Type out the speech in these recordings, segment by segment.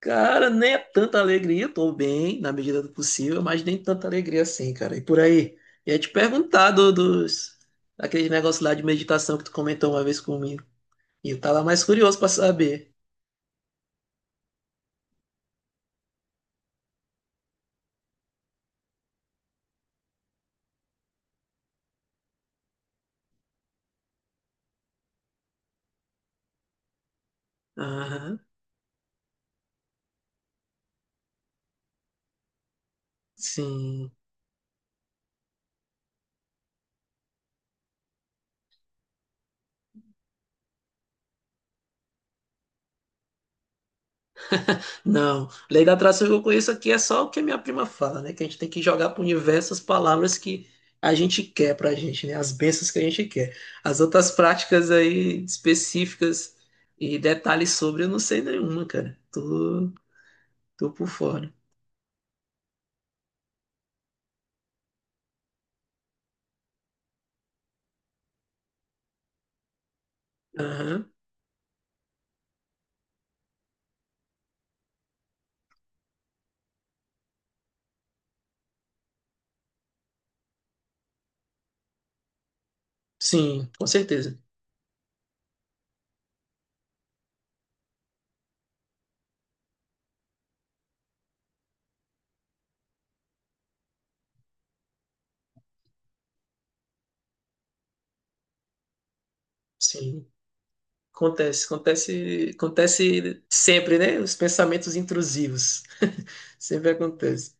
Cara, nem é tanta alegria, tô bem na medida do possível, mas nem tanta alegria assim, cara. E por aí, ia te perguntar dos daquele negócio lá de meditação que tu comentou uma vez comigo. E eu tava mais curioso pra saber. Aham, sim. Não, lei da atração que eu conheço aqui é só o que a minha prima fala, né? Que a gente tem que jogar pro universo as palavras que a gente quer pra gente, né? As bênçãos que a gente quer. As outras práticas aí específicas e detalhes sobre, eu não sei nenhuma, cara. Tu tô por fora. Aham. Sim, com certeza. Sim. Acontece sempre, né? Os pensamentos intrusivos. Sempre acontece.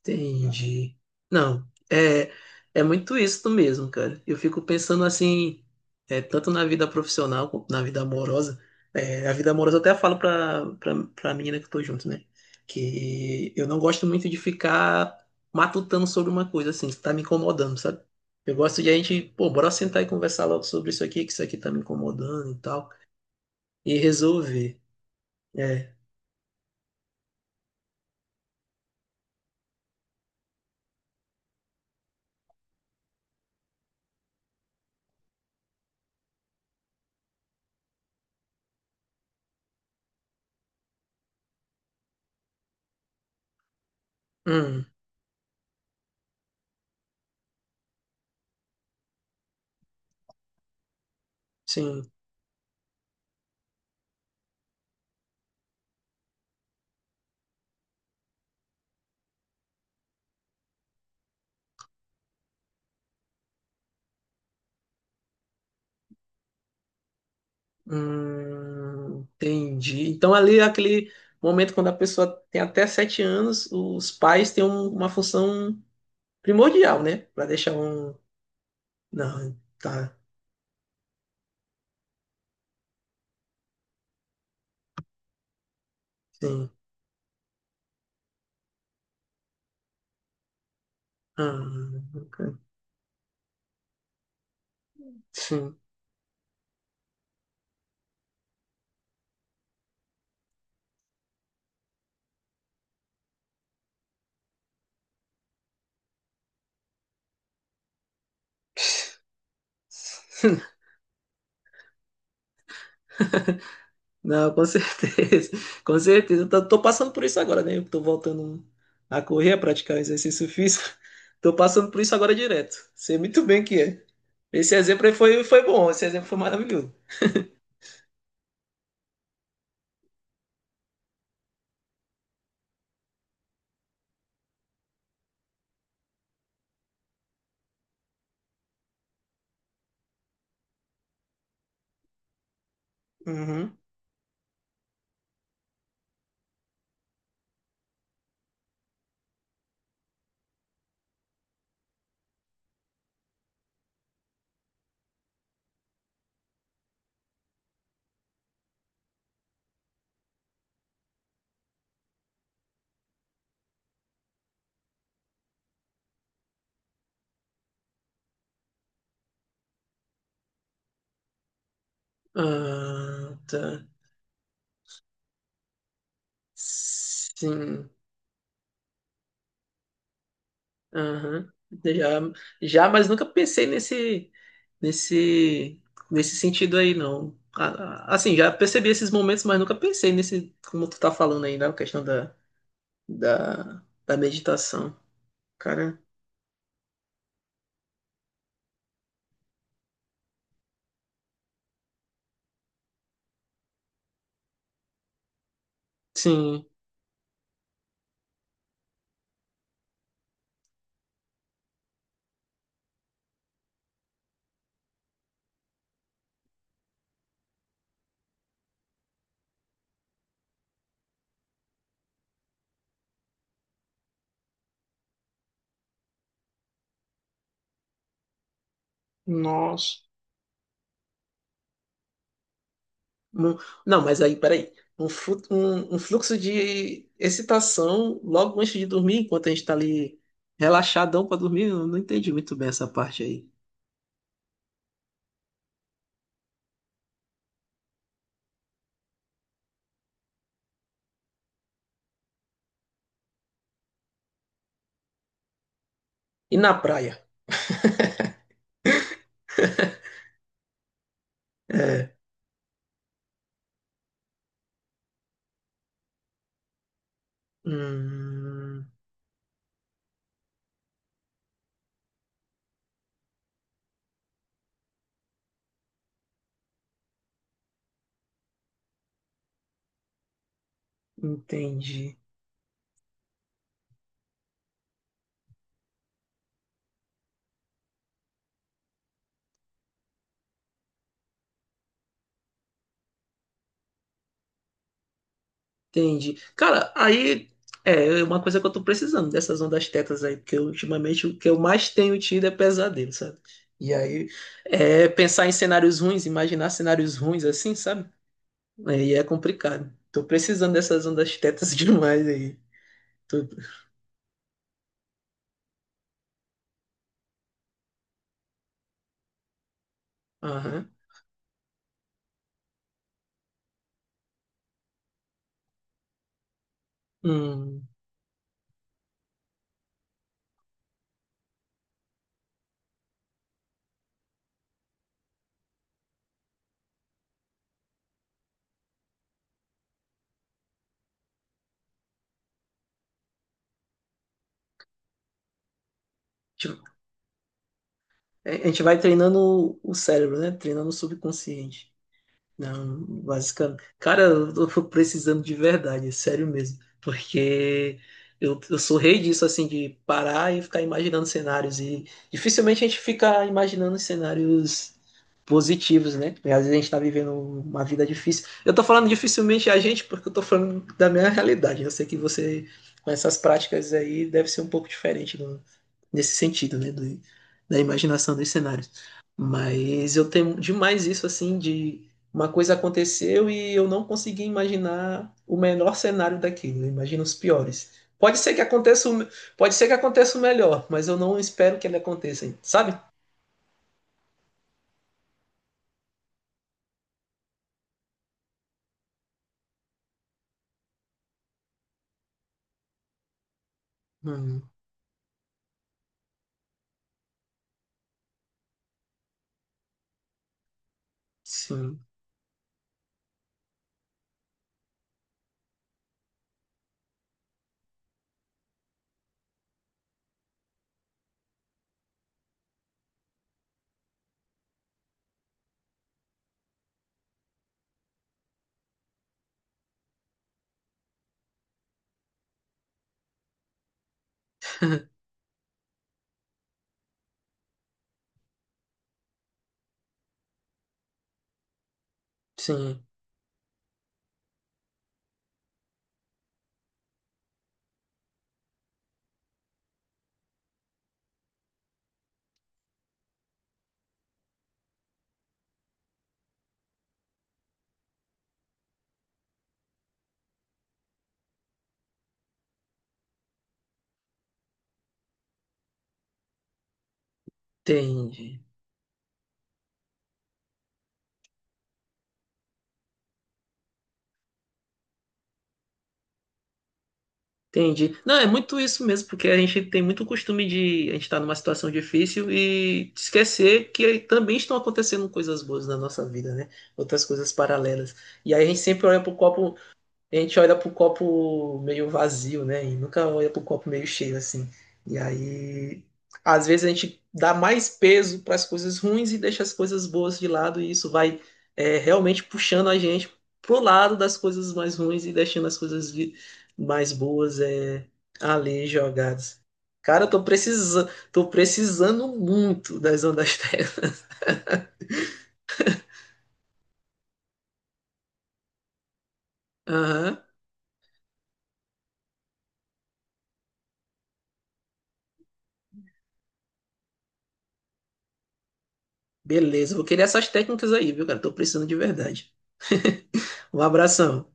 Entendi. Não, é muito isso mesmo, cara. Eu fico pensando assim, é, tanto na vida profissional quanto na vida amorosa. É, a vida amorosa eu até falo pra menina que eu tô junto, né? Que eu não gosto muito de ficar matutando sobre uma coisa assim, que tá me incomodando, sabe? Eu gosto de a gente, pô, bora sentar e conversar logo sobre isso aqui, que isso aqui tá me incomodando e tal, e resolver. É, hum, sim. Entendi. Então, ali é aquele momento quando a pessoa tem até sete anos, os pais têm uma função primordial, né? Para deixar um. Não, tá. Sim. Hum, sim. Não, com certeza. Com certeza. Eu tô passando por isso agora, né? Eu tô voltando a correr, a praticar exercício físico. Tô passando por isso agora direto. Sei muito bem que é. Esse exemplo aí foi bom, esse exemplo foi maravilhoso. Uhum. Ah, tá. Sim, aham. Já, já, mas nunca pensei nesse, nesse sentido aí, não. Assim, já percebi esses momentos, mas nunca pensei nesse, como tu tá falando aí, na questão da meditação. Cara, sim, nossa. Mu- Não, mas aí, peraí. Um fluxo de excitação logo antes de dormir, enquanto a gente tá ali relaxadão pra dormir, eu não entendi muito bem essa parte aí. E na praia? É. Hum, entendi, entendi. Cara, aí é uma coisa que eu tô precisando dessas ondas tetas aí, porque ultimamente o que eu mais tenho tido é pesadelo, sabe? E aí é pensar em cenários ruins, imaginar cenários ruins assim, sabe? Aí é complicado. Tô precisando dessas ondas tetas demais aí. Tô- Aham. Hum. Tipo, a gente vai treinando o cérebro, né? Treinando o subconsciente. Não, basicamente. Cara, eu tô precisando de verdade, é sério mesmo. Porque eu sou rei disso, assim, de parar e ficar imaginando cenários. E dificilmente a gente fica imaginando cenários positivos, né? Porque às vezes a gente tá vivendo uma vida difícil. Eu tô falando dificilmente a gente, porque eu tô falando da minha realidade. Eu sei que você, com essas práticas aí, deve ser um pouco diferente nesse sentido, né, da imaginação dos cenários. Mas eu tenho demais isso assim de uma coisa aconteceu e eu não consegui imaginar o menor cenário daquilo, eu imagino os piores. Pode ser que aconteça o, me- Pode ser que aconteça o melhor, mas eu não espero que ele aconteça, sabe? Hum, sim, sim, entendi. Entendi. Não, é muito isso mesmo, porque a gente tem muito costume de a gente estar numa situação difícil e esquecer que também estão acontecendo coisas boas na nossa vida, né? Outras coisas paralelas. E aí a gente olha pro copo meio vazio, né? E nunca olha pro copo meio cheio, assim. E aí, às vezes a gente dá mais peso para as coisas ruins e deixa as coisas boas de lado, e isso vai é, realmente puxando a gente pro lado das coisas mais ruins e deixando as coisas mais boas é, ali jogadas. Cara, eu tô precisando muito das ondas terra. Aham. Beleza, vou querer essas técnicas aí, viu, cara? Tô precisando de verdade. Um abração.